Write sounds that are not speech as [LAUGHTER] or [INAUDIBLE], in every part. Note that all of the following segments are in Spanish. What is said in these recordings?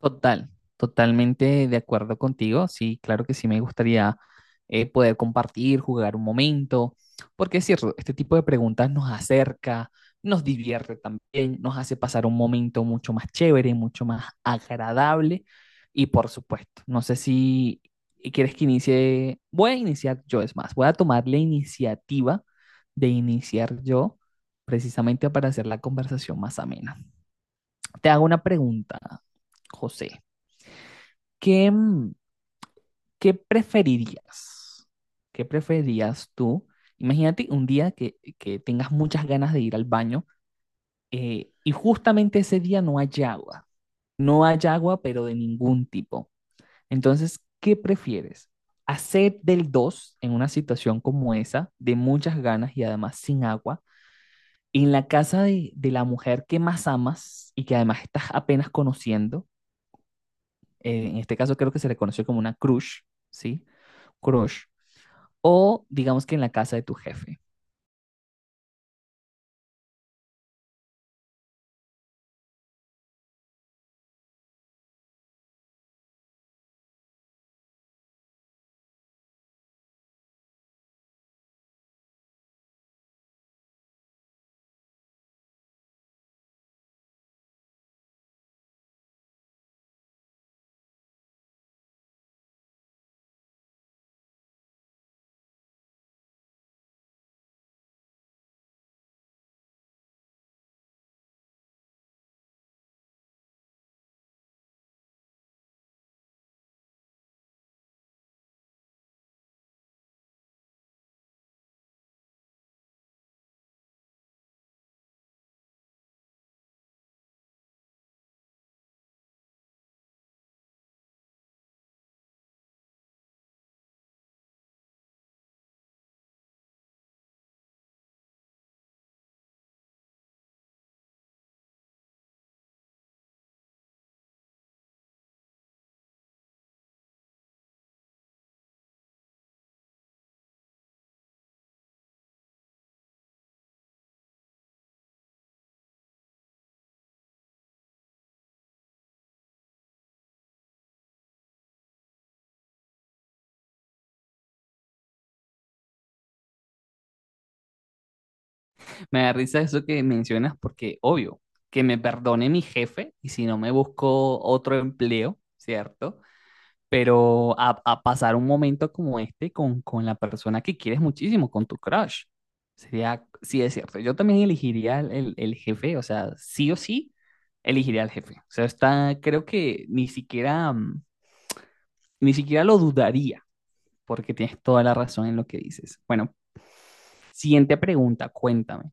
Total, totalmente de acuerdo contigo. Sí, claro que sí me gustaría poder compartir, jugar un momento, porque es cierto, este tipo de preguntas nos acerca, nos divierte también, nos hace pasar un momento mucho más chévere, mucho más agradable. Y por supuesto, no sé si quieres que inicie, voy a iniciar yo, es más, voy a tomar la iniciativa de iniciar yo, precisamente para hacer la conversación más amena. Te hago una pregunta, José. ¿Qué, mm, qué preferirías? ¿Qué preferirías tú? Imagínate un día que tengas muchas ganas de ir al baño y justamente ese día no hay agua. No hay agua, pero de ningún tipo. Entonces, ¿qué prefieres? ¿Hacer del 2 en una situación como esa, de muchas ganas y además sin agua, en la casa de la mujer que más amas y que además estás apenas conociendo? En este caso creo que se le conoció como una crush, ¿sí? Crush o digamos que en la casa de tu jefe. Me da risa eso que mencionas porque, obvio, que me perdone mi jefe y si no me busco otro empleo, ¿cierto? Pero a pasar un momento como este con la persona que quieres muchísimo, con tu crush. Sería, sí es cierto, yo también elegiría el jefe, o sea, sí o sí, elegiría al jefe. O sea, está, creo que ni siquiera, ni siquiera lo dudaría, porque tienes toda la razón en lo que dices. Bueno, siguiente pregunta, cuéntame.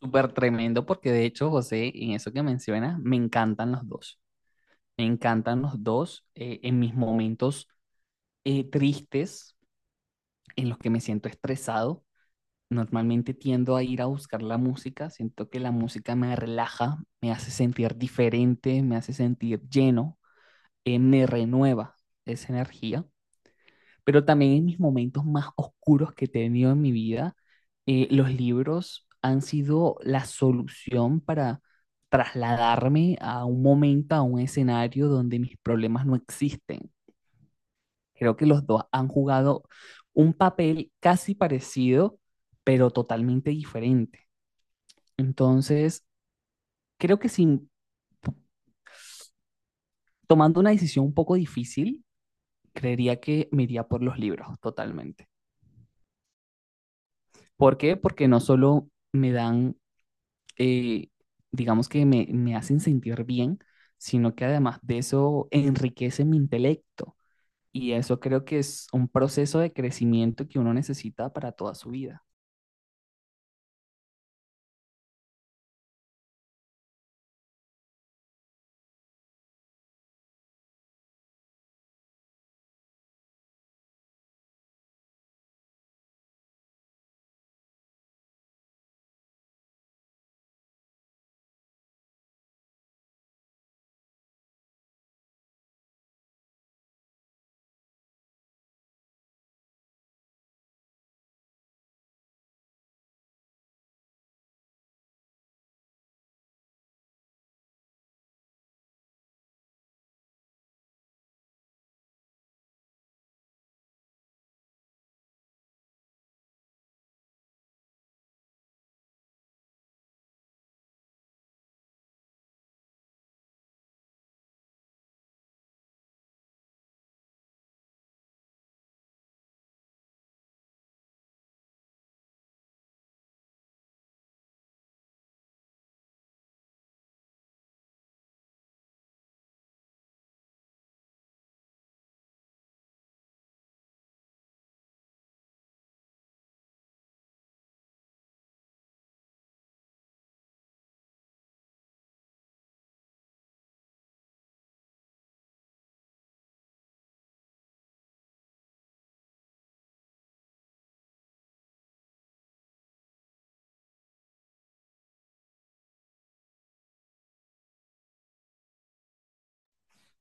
Súper tremendo porque de hecho, José, en eso que mencionas, me encantan los dos. Me encantan los dos en mis momentos tristes, en los que me siento estresado. Normalmente tiendo a ir a buscar la música, siento que la música me relaja, me hace sentir diferente, me hace sentir lleno, me renueva esa energía. Pero también en mis momentos más oscuros que he tenido en mi vida, los libros han sido la solución para trasladarme a un momento, a un escenario donde mis problemas no existen. Creo que los dos han jugado un papel casi parecido, pero totalmente diferente. Entonces, creo que sin tomando una decisión un poco difícil, creería que me iría por los libros totalmente. ¿Por qué? Porque no solo me dan eh, digamos que me hacen sentir bien, sino que además de eso enriquece mi intelecto. Y eso creo que es un proceso de crecimiento que uno necesita para toda su vida.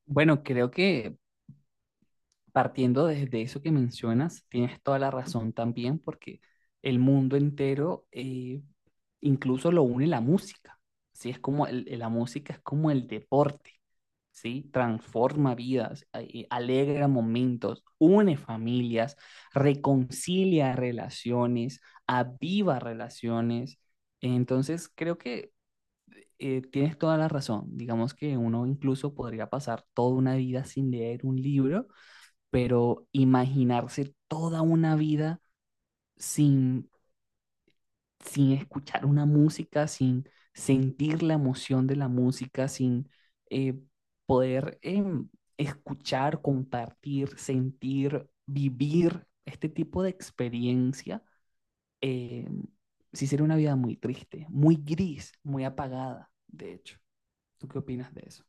Bueno, creo que partiendo desde eso que mencionas, tienes toda la razón también porque el mundo entero incluso lo une la música, ¿sí? Es como la música es como el deporte, ¿sí? Transforma vidas, alegra momentos, une familias, reconcilia relaciones, aviva relaciones. Entonces, creo que tienes toda la razón. Digamos que uno incluso podría pasar toda una vida sin leer un libro, pero imaginarse toda una vida sin, sin escuchar una música, sin sentir la emoción de la música, sin eh, poder escuchar, compartir, sentir, vivir este tipo de experiencia, eh, sí sería una vida muy triste, muy gris, muy apagada, de hecho. ¿Tú qué opinas de eso?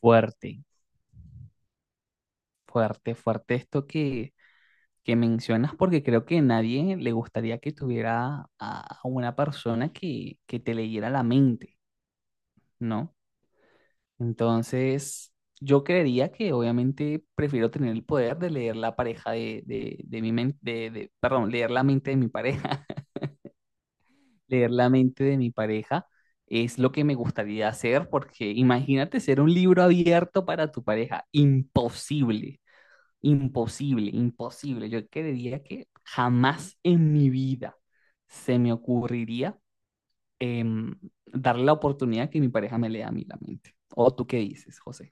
Fuerte, fuerte, fuerte esto que mencionas porque creo que nadie le gustaría que tuviera a una persona que te leyera la mente, ¿no? Entonces, yo creería que obviamente prefiero tener el poder de leer la pareja de mi mente, de- perdón, leer la mente de mi pareja, [LAUGHS] leer la mente de mi pareja es lo que me gustaría hacer porque imagínate ser un libro abierto para tu pareja, imposible. Imposible, imposible. Yo creería que jamás en mi vida se me ocurriría em, darle la oportunidad que mi pareja me lea a mí la mente. ¿O tú qué dices, José?